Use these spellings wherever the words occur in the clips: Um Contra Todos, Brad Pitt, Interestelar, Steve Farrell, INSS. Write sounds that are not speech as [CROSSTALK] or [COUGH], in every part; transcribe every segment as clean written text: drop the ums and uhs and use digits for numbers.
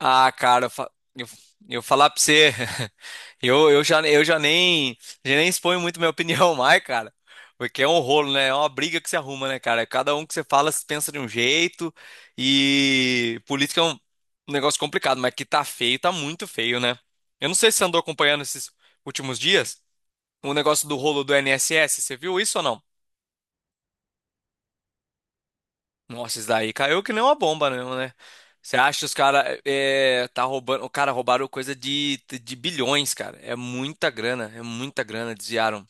Ah, cara, eu falar pra você, [LAUGHS] eu já nem exponho muito minha [LAUGHS] opinião mais, cara. Porque é um rolo, né? É uma briga que se arruma, né, cara? Cada um que você fala, se pensa de um jeito. E política é um negócio complicado, mas que tá feio, tá muito feio, né? Eu não sei se você andou acompanhando esses últimos dias o negócio do rolo do INSS, você viu isso ou não? Nossa, isso daí caiu que nem uma bomba mesmo, né? Você acha que os caras é, tá roubando, o cara roubaram coisa de bilhões, cara. É muita grana, desviaram.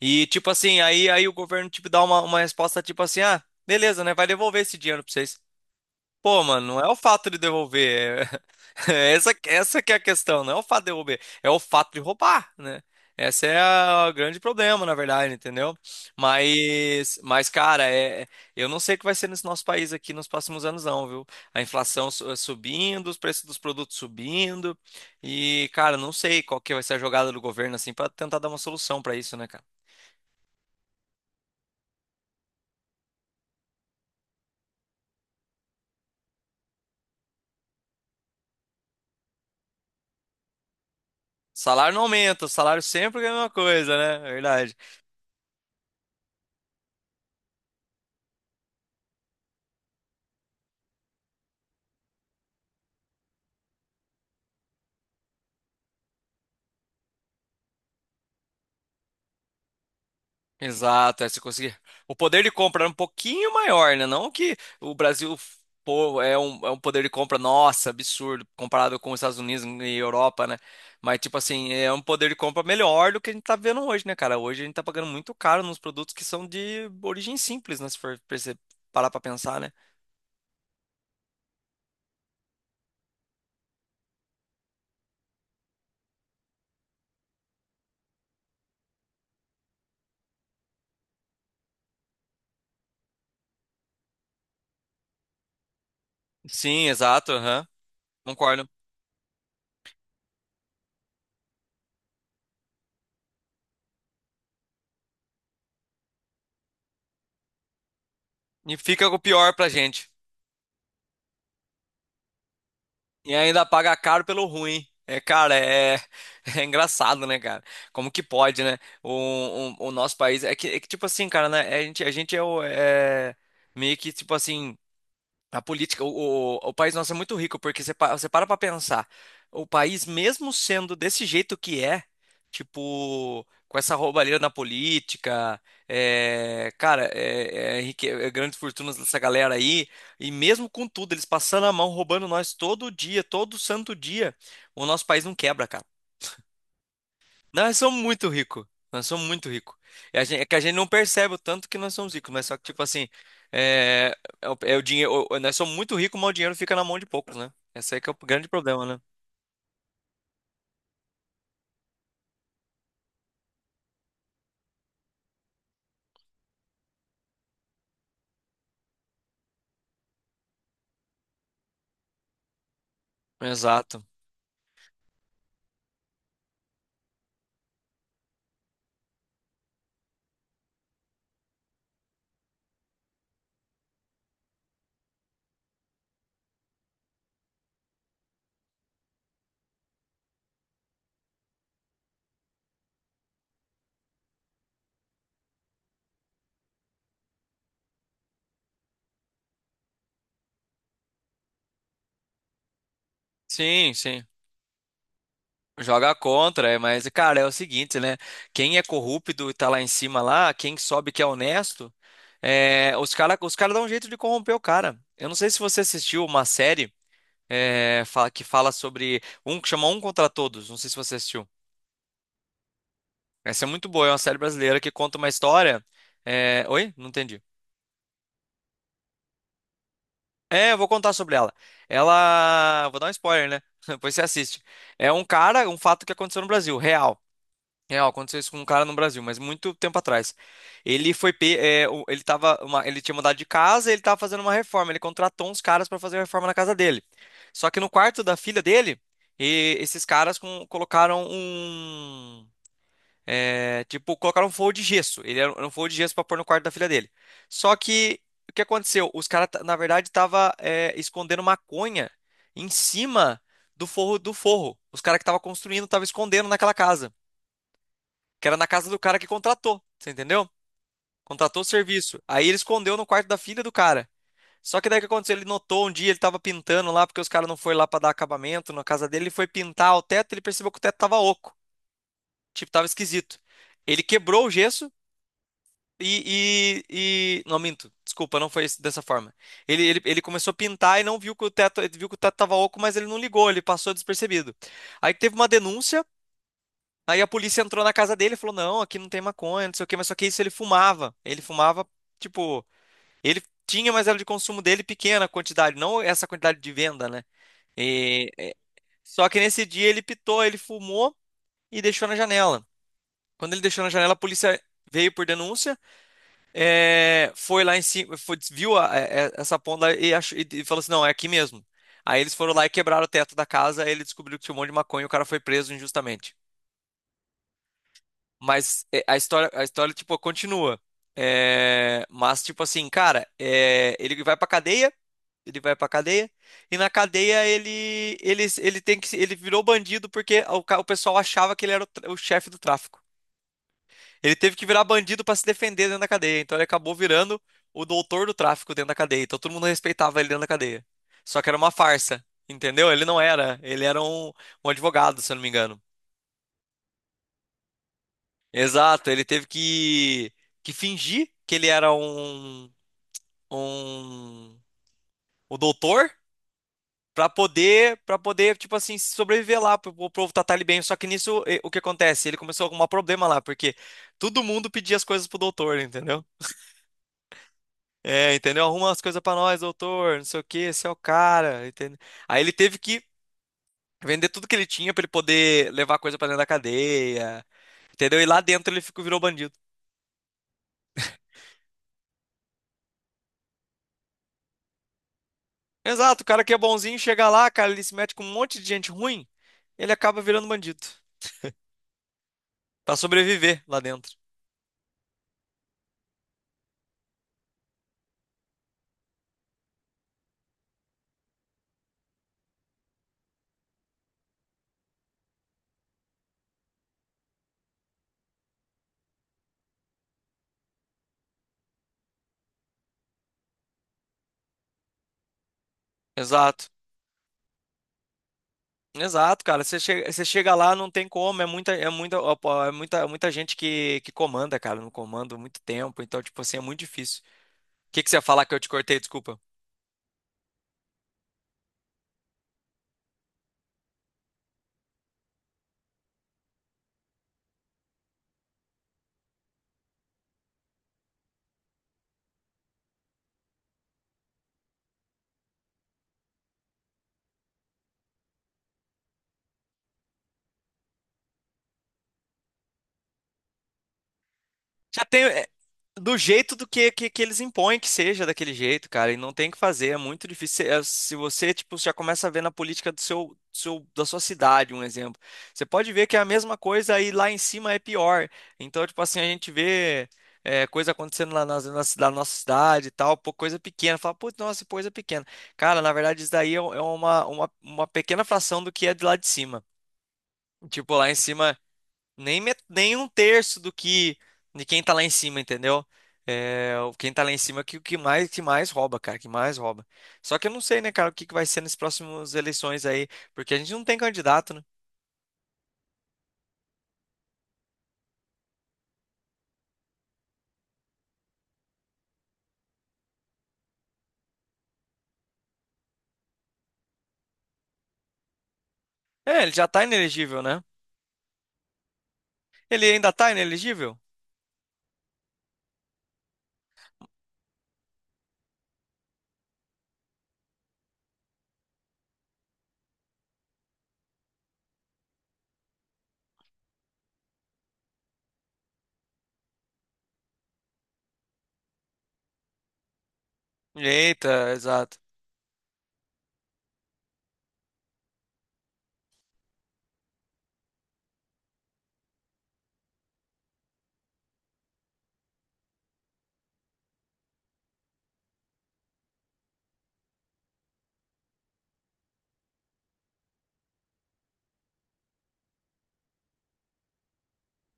E tipo assim, aí o governo tipo dá uma resposta tipo assim: "Ah, beleza, né? Vai devolver esse dinheiro pra vocês". Pô, mano, não é o fato de devolver. [LAUGHS] É Essa que é a questão, não é o fato de devolver, é o fato de roubar, né? Esse é o grande problema, na verdade, entendeu? Mas cara, eu não sei o que vai ser nesse nosso país aqui nos próximos anos, não, viu? A inflação subindo, os preços dos produtos subindo, e, cara, não sei qual que vai ser a jogada do governo, assim, pra tentar dar uma solução pra isso, né, cara? Salário não aumenta, o salário sempre é a mesma coisa, né? Verdade. Exato, é, se conseguir. O poder de compra é um pouquinho maior, né? Não que o Brasil pô, é um poder de compra, nossa, absurdo, comparado com os Estados Unidos e Europa, né? Mas, tipo assim, é um poder de compra melhor do que a gente tá vendo hoje, né, cara? Hoje a gente tá pagando muito caro nos produtos que são de origem simples, né? Se for parar pra pensar, né? Sim, exato, aham, concordo. E fica o pior pra gente. E ainda paga caro pelo ruim. É, cara, é, [LAUGHS] é engraçado, né, cara? Como que pode, né? O nosso país. Tipo assim, cara, né? É, A gente é meio que, tipo assim. A política, o país nosso é muito rico, porque você para pra pensar, o país, mesmo sendo desse jeito que é, tipo, com essa roubalheira na política, é, cara, é, é, rique- é grandes fortunas dessa galera aí, e mesmo com tudo, eles passando a mão, roubando nós todo dia, todo santo dia, o nosso país não quebra, cara. Nós somos muito ricos. Nós somos muito ricos. É que a gente não percebe o tanto que nós somos ricos, mas só que, tipo assim, é o dinheiro. Nós somos muito ricos, mas o dinheiro fica na mão de poucos, né? Esse aí que é o grande problema, né? Exato. Sim, sim. Joga contra, é, mas, cara, é o seguinte, né? Quem é corrupto e tá lá em cima lá, quem sobe que é honesto, é, os cara dão um jeito de corromper o cara. Eu não sei se você assistiu uma série que fala sobre um que chama Um Contra Todos. Não sei se você assistiu. Essa é muito boa, é uma série brasileira que conta uma história. É, Oi? Não entendi. É, eu vou contar sobre ela. Ela. Vou dar um spoiler, né? [LAUGHS] Depois você assiste. É um cara, um fato que aconteceu no Brasil, real. Real, aconteceu isso com um cara no Brasil, mas muito tempo atrás. Ele foi. Ele tava ele tinha mudado de casa e ele tava fazendo uma reforma. Ele contratou uns caras para fazer a reforma na casa dele. Só que no quarto da filha dele, esses caras colocaram um. É, tipo, colocaram um forro de gesso. Era um forro de gesso pra pôr no quarto da filha dele. Só que o que aconteceu? Os caras, na verdade, tava é, escondendo maconha em cima do forro do forro. Os caras que estavam construindo estavam escondendo naquela casa, que era na casa do cara que contratou, você entendeu? Contratou o serviço. Aí ele escondeu no quarto da filha do cara. Só que daí o que aconteceu? Ele notou um dia, ele tava pintando lá, porque os caras não foram lá pra dar acabamento na casa dele. Ele foi pintar o teto, ele percebeu que o teto tava oco. Tipo, tava esquisito. Ele quebrou o gesso Não, minto. Desculpa, não foi dessa forma. Ele começou a pintar e não viu que o teto, ele viu que o teto tava oco, mas ele não ligou, ele passou despercebido. Aí teve uma denúncia, aí a polícia entrou na casa dele e falou: não, aqui não tem maconha, não sei o quê, mas só que isso ele fumava. Ele fumava, tipo, ele tinha, mas era de consumo dele pequena quantidade, não essa quantidade de venda, né? E- só que nesse dia ele pitou, ele fumou e deixou na janela. Quando ele deixou na janela, a polícia veio por denúncia. É, foi lá em cima, viu essa ponta e, e falou assim: não, é aqui mesmo. Aí eles foram lá e quebraram o teto da casa, aí ele descobriu que tinha um monte de maconha e o cara foi preso injustamente. Mas é, a história, tipo, continua. É, mas, tipo assim, cara, é, ele vai pra cadeia, ele vai pra cadeia, e na cadeia ele tem que, ele virou bandido porque o pessoal achava que ele era o chefe do tráfico. Ele teve que virar bandido pra se defender dentro da cadeia. Então ele acabou virando o doutor do tráfico dentro da cadeia. Então todo mundo respeitava ele dentro da cadeia. Só que era uma farsa, entendeu? Ele não era. Ele era um advogado, se eu não me engano. Exato, ele teve que fingir que ele era um, o doutor pra poder, para poder, tipo assim, sobreviver lá, pro povo tratar ele bem. Só que nisso, eh, o que acontece? Ele começou a arrumar problema lá, porque todo mundo pedia as coisas pro doutor, entendeu? É, entendeu? Arruma as coisas pra nós, doutor, não sei o quê, esse é o cara, entendeu? Aí ele teve que vender tudo que ele tinha pra ele poder levar coisa pra dentro da cadeia, entendeu? E lá dentro ele ficou, virou bandido. Exato, o cara que é bonzinho chega lá, cara, ele se mete com um monte de gente ruim, ele acaba virando bandido pra sobreviver lá dentro. Exato. Exato, cara. Você chega lá, não tem como. Ó, pô, é muita, muita gente que comanda, cara, no comando há muito tempo. Então, tipo assim, é muito difícil. O que que você ia falar que eu te cortei? Desculpa. Já tem. É, do jeito que eles impõem que seja daquele jeito, cara, e não tem o que fazer, é muito difícil. É, se você, tipo, já começa a ver na política da sua cidade, um exemplo, você pode ver que é a mesma coisa e lá em cima é pior. Então, tipo assim, a gente vê é, coisa acontecendo lá na nossa cidade e tal, pô, coisa pequena. Fala, putz, nossa, coisa pequena. Cara, na verdade, isso daí é uma pequena fração do que é de lá de cima. Tipo, lá em cima. Nem, nem um terço do que de quem tá lá em cima, entendeu? É, quem tá lá em cima é que mais rouba, cara, que mais rouba. Só que eu não sei, né, cara, que vai ser nas próximas eleições aí, porque a gente não tem candidato, né? É, ele já tá inelegível, né? Ele ainda tá inelegível? Eita, exato.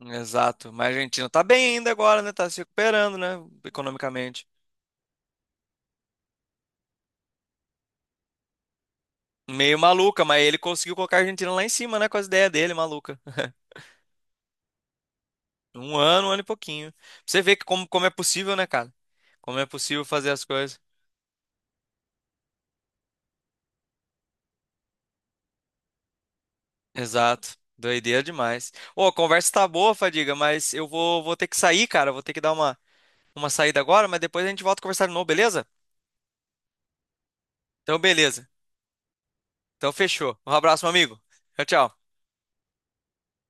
Exato. Mas a Argentina tá bem ainda agora, né? Tá se recuperando, né? Economicamente. Meio maluca, mas ele conseguiu colocar a Argentina lá em cima, né? Com as ideias dele, maluca. Um ano e pouquinho. Pra você vê que como, como é possível, né, cara? Como é possível fazer as coisas. Exato. Doideira demais. Ô, a conversa tá boa, Fadiga, mas eu vou ter que sair, cara. Vou ter que dar uma saída agora, mas depois a gente volta a conversar de novo, beleza? Então, beleza. Então, fechou. Um abraço, meu amigo. Tchau, tchau.